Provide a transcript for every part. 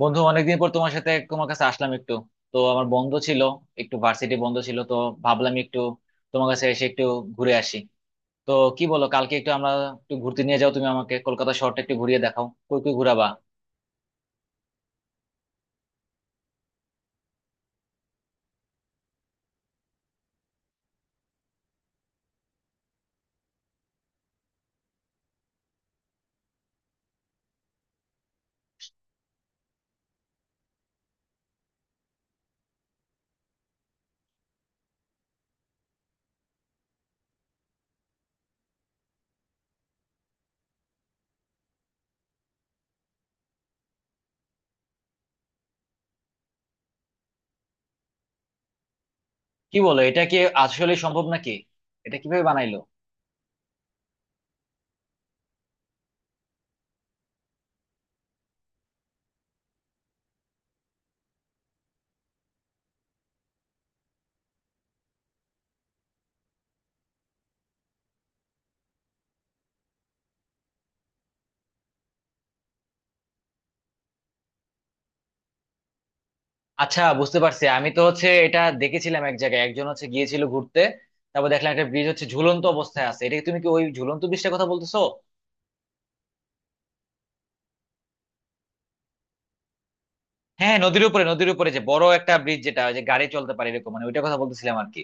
বন্ধু, অনেকদিন পর তোমার সাথে, তোমার কাছে আসলাম একটু। তো আমার বন্ধ ছিল, একটু ভার্সিটি বন্ধ ছিল, তো ভাবলাম একটু তোমার কাছে এসে একটু ঘুরে আসি। তো কি বলো, কালকে একটু আমরা একটু ঘুরতে নিয়ে যাও তুমি আমাকে, কলকাতা শহরটা একটু ঘুরিয়ে দেখাও। কই কই ঘুরাবা? কি বলো, এটা কি আসলে সম্ভব নাকি? এটা কিভাবে বানাইলো? আচ্ছা, বুঝতে পারছি। আমি তো হচ্ছে এটা দেখেছিলাম এক জায়গায়, একজন হচ্ছে গিয়েছিল ঘুরতে, তারপর দেখলাম একটা ব্রিজ হচ্ছে ঝুলন্ত অবস্থায় আছে। এটা কি, তুমি কি ওই ঝুলন্ত ব্রিজটার কথা বলতেছো? হ্যাঁ, নদীর উপরে, নদীর উপরে যে বড় একটা ব্রিজ যেটা ওই যে গাড়ি চলতে পারে এরকম, মানে ওইটার কথা বলতেছিলাম আর কি।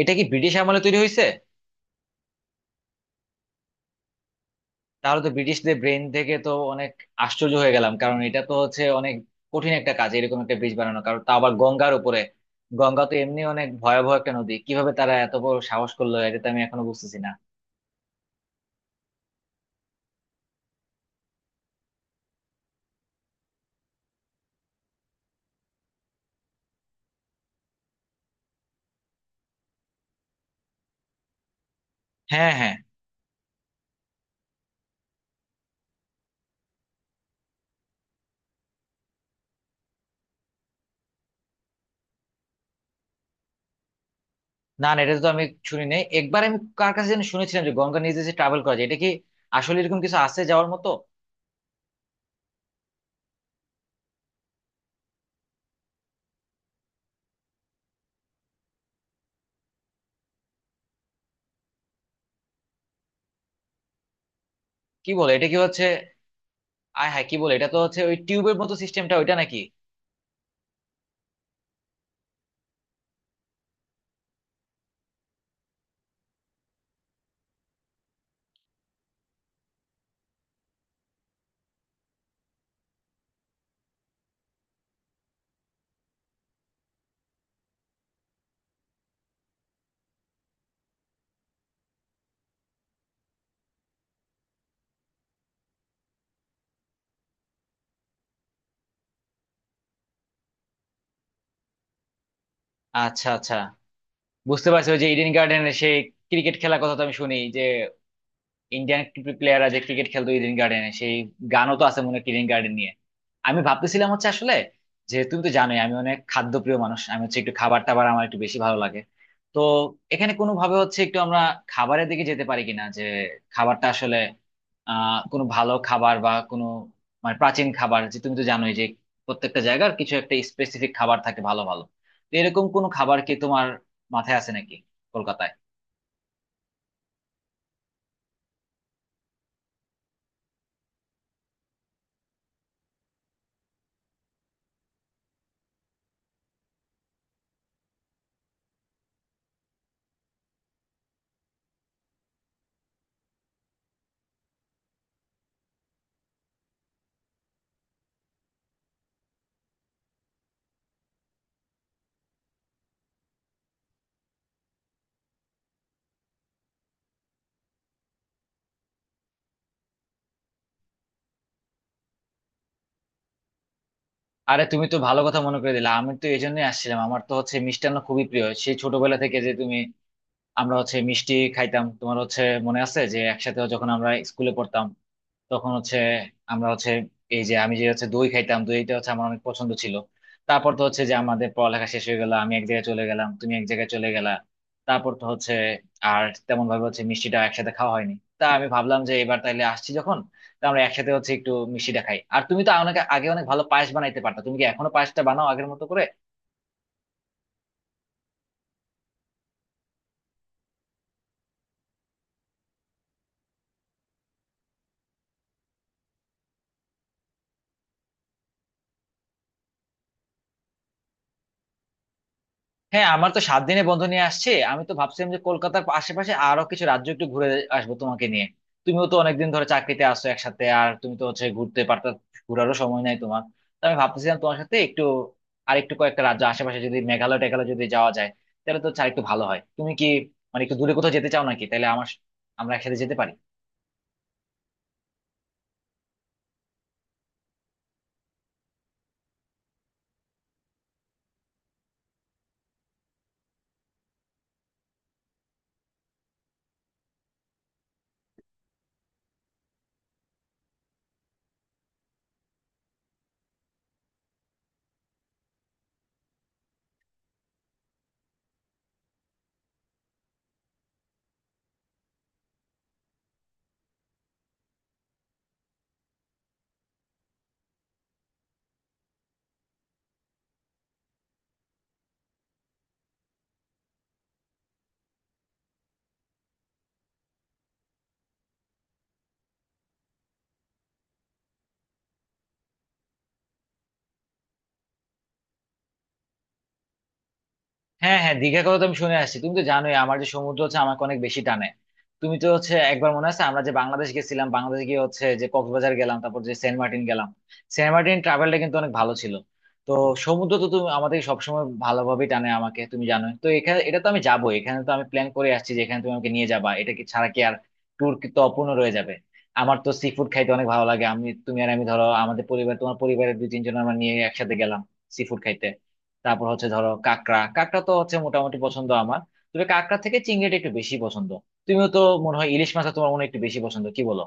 এটা কি ব্রিটিশ আমলে তৈরি হয়েছে? তাহলে তো ব্রিটিশদের ব্রেন থেকে তো অনেক আশ্চর্য হয়ে গেলাম, কারণ এটা তো হচ্ছে অনেক কঠিন একটা কাজ, এরকম একটা ব্রিজ বানানো, কারণ তা আবার গঙ্গার উপরে। গঙ্গা তো এমনি অনেক ভয়াবহ একটা নদী, কিভাবে তারা এত বড় সাহস করলো, এটা তো আমি এখনো বুঝতেছি না। হ্যাঁ, হ্যাঁ। না, না, এটা তো আমি শুনি নাই। একবার আমি কার কাছে যেন শুনেছিলাম যে গঙ্গা নিজে যে ট্রাভেল করা যায়, এটা কি আসলে এরকম কিছু আছে যাওয়ার মতো? কি বলে এটা কি হচ্ছে? আয় হ্যাঁ, কি বলে, এটা তো হচ্ছে ওই টিউবের মতো সিস্টেমটা, ওইটা নাকি? আচ্ছা, আচ্ছা, বুঝতে পারছি। ওই যে ইডেন গার্ডেনের সেই ক্রিকেট খেলার কথা তো আমি শুনি, যে ইন্ডিয়ান প্লেয়াররা যে ক্রিকেট খেলতো ইডেন গার্ডেনে, সেই গানও তো আছে মনে হয় ইডেন গার্ডেন নিয়ে। আমি ভাবতেছিলাম হচ্ছে আসলে, যে তুমি তো জানোই আমি অনেক খাদ্যপ্রিয় মানুষ। আমি হচ্ছে একটু খাবার টাবার আমার একটু বেশি ভালো লাগে। তো এখানে কোনো ভাবে হচ্ছে একটু আমরা খাবারের দিকে যেতে পারি কিনা, যে খাবারটা আসলে, কোনো ভালো খাবার বা কোনো, মানে প্রাচীন খাবার, যে তুমি তো জানোই যে প্রত্যেকটা জায়গার কিছু একটা স্পেসিফিক খাবার থাকে ভালো ভালো। তো এরকম কোনো খাবার কি তোমার মাথায় আছে নাকি কলকাতায়? আরে, তুমি তো ভালো কথা মনে করে দিলে। আমি তো এই জন্যই আসছিলাম, আমার তো হচ্ছে মিষ্টান্ন খুবই প্রিয় সেই ছোটবেলা থেকে। যে তুমি, আমরা হচ্ছে মিষ্টি খাইতাম, তোমার হচ্ছে মনে আছে যে একসাথে যখন আমরা স্কুলে পড়তাম, তখন হচ্ছে আমরা হচ্ছে, এই যে আমি যে হচ্ছে দই খাইতাম, দইটা হচ্ছে আমার অনেক পছন্দ ছিল। তারপর তো হচ্ছে যে আমাদের পড়ালেখা শেষ হয়ে গেল, আমি এক জায়গায় চলে গেলাম, তুমি এক জায়গায় চলে গেলা। তারপর তো হচ্ছে আর তেমন ভাবে হচ্ছে মিষ্টিটা একসাথে খাওয়া হয়নি। তা আমি ভাবলাম যে এবার তাইলে আসছি যখন, তা আমরা একসাথে হচ্ছে একটু মিষ্টিটা খাই। আর তুমি তো অনেক আগে অনেক ভালো পায়েস বানাইতে পারতা, তুমি কি এখনো পায়েসটা বানাও আগের মতো করে? হ্যাঁ, আমার তো 7 দিনে বন্ধ নিয়ে আসছে। আমি তো ভাবছিলাম যে কলকাতার আশেপাশে আরো কিছু রাজ্য একটু ঘুরে আসবো তোমাকে নিয়ে। তুমিও তো অনেকদিন ধরে চাকরিতে আসো একসাথে, আর তুমি তো হচ্ছে ঘুরতে পারতা, ঘোরারও সময় নাই তোমার। তো আমি ভাবতেছিলাম তোমার সাথে একটু আর একটু কয়েকটা রাজ্য আশেপাশে, যদি মেঘালয় টেঘালয় যদি যাওয়া যায়, তাহলে তো আর একটু ভালো হয়। তুমি কি মানে একটু দূরে কোথাও যেতে চাও নাকি? তাহলে আমার, আমরা একসাথে যেতে পারি। হ্যাঁ, হ্যাঁ, দীঘার কথা তো আমি শুনে আসছি। তুমি তো জানোই আমার, যে সমুদ্র হচ্ছে আমাকে অনেক বেশি টানে। তুমি তো হচ্ছে একবার মনে আছে, আমরা যে বাংলাদেশ গেছিলাম, বাংলাদেশ গিয়ে হচ্ছে যে কক্সবাজার গেলাম, তারপর যে সেন্ট মার্টিন গেলাম। সেন্ট মার্টিন ট্রাভেলটা কিন্তু অনেক ভালো ছিল। তো সমুদ্র তো তুমি আমাদের সবসময় ভালোভাবেই টানে আমাকে, তুমি জানোই তো। এখানে এটা তো আমি যাবো, এখানে তো আমি প্ল্যান করে আসছি যে এখানে তুমি আমাকে নিয়ে যাবা। এটা কি ছাড়া কি আর ট্যুর কি তো অপূর্ণ রয়ে যাবে। আমার তো সি ফুড খাইতে অনেক ভালো লাগে। আমি, তুমি আর আমি, ধরো আমাদের পরিবার, তোমার পরিবারের দুই তিনজন আমরা নিয়ে একসাথে গেলাম সি ফুড খাইতে। তারপর হচ্ছে ধরো কাঁকড়া, কাঁকড়া তো হচ্ছে মোটামুটি পছন্দ আমার, তবে কাঁকড়া থেকে চিংড়িটা একটু বেশি পছন্দ। তুমিও তো মনে হয় ইলিশ মাছটা তোমার মনে হয় একটু বেশি পছন্দ, কি বলো?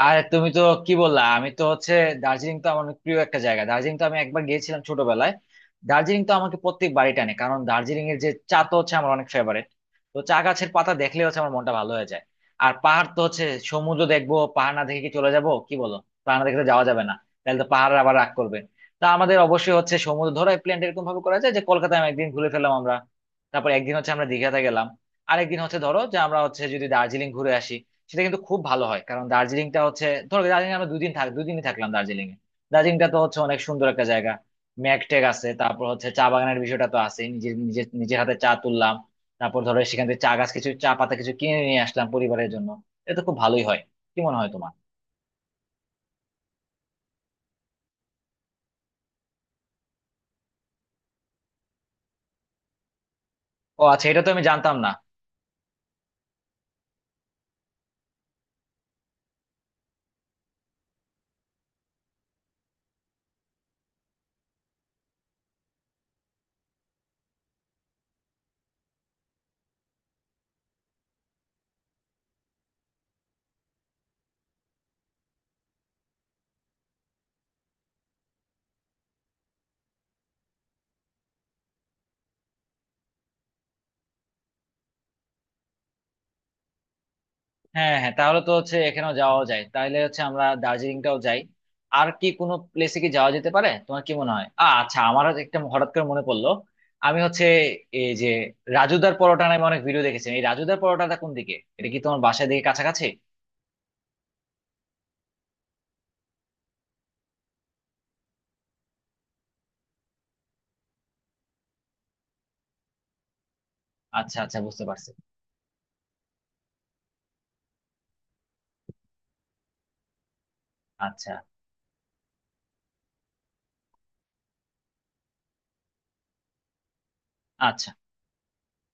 আর তুমি তো কি বললা। আমি তো হচ্ছে, দার্জিলিং তো আমার অনেক প্রিয় একটা জায়গা। দার্জিলিং তো আমি একবার গিয়েছিলাম ছোটবেলায়। দার্জিলিং তো আমাকে প্রত্যেক বাড়ি টানে, কারণ দার্জিলিং এর যে চা তো হচ্ছে আমার অনেক ফেভারিট। তো চা গাছের পাতা দেখলে হচ্ছে আমার মনটা ভালো হয়ে যায়। আর পাহাড় তো হচ্ছে, সমুদ্র দেখবো পাহাড় না দেখে কি চলে যাব, কি বলো? পাহাড় না দেখে তো যাওয়া যাবে না, তাহলে তো পাহাড় আবার রাগ করবে। তা আমাদের অবশ্যই হচ্ছে সমুদ্র, ধরো এই প্ল্যানটা এরকম ভাবে করা যায় যে কলকাতায় আমি একদিন ঘুরে ফেললাম আমরা, তারপর একদিন হচ্ছে আমরা দীঘাতে গেলাম, আরেকদিন হচ্ছে ধরো যে আমরা হচ্ছে যদি দার্জিলিং ঘুরে আসি। সেটা কিন্তু খুব ভালো হয়, কারণ দার্জিলিংটা হচ্ছে, ধরো দার্জিলিং আমরা দুদিন থাক, দুদিনই থাকলাম দার্জিলিং এ। দার্জিলিংটা তো হচ্ছে অনেক সুন্দর একটা জায়গা। ম্যাক টেক আছে, তারপর হচ্ছে চা বাগানের বিষয়টা তো আছে, নিজের নিজের নিজের হাতে চা তুললাম। তারপর ধরো সেখান থেকে চা গাছ কিছু, চা পাতা কিছু কিনে নিয়ে আসলাম পরিবারের জন্য। এটা তো খুব ভালোই হয়, কি মনে হয় তোমার? ও আচ্ছা, এটা তো আমি জানতাম না। হ্যাঁ, হ্যাঁ, তাহলে তো হচ্ছে এখানেও যাওয়া যায়, তাহলে হচ্ছে আমরা দার্জিলিংটাও যাই। আর কি কোনো প্লেসে কি যাওয়া যেতে পারে, তোমার কি মনে হয়? আচ্ছা, আমার হচ্ছে একটা হঠাৎ করে মনে পড়লো। আমি হচ্ছে এই যে রাজুদার পরোটা নামে অনেক ভিডিও দেখেছি, এই রাজুদার পরোটাটা কোন দিকে? এটা কি তোমার বাসায় দিকে কাছাকাছি? আচ্ছা, আচ্ছা, বুঝতে পারছি। আচ্ছা, আচ্ছা।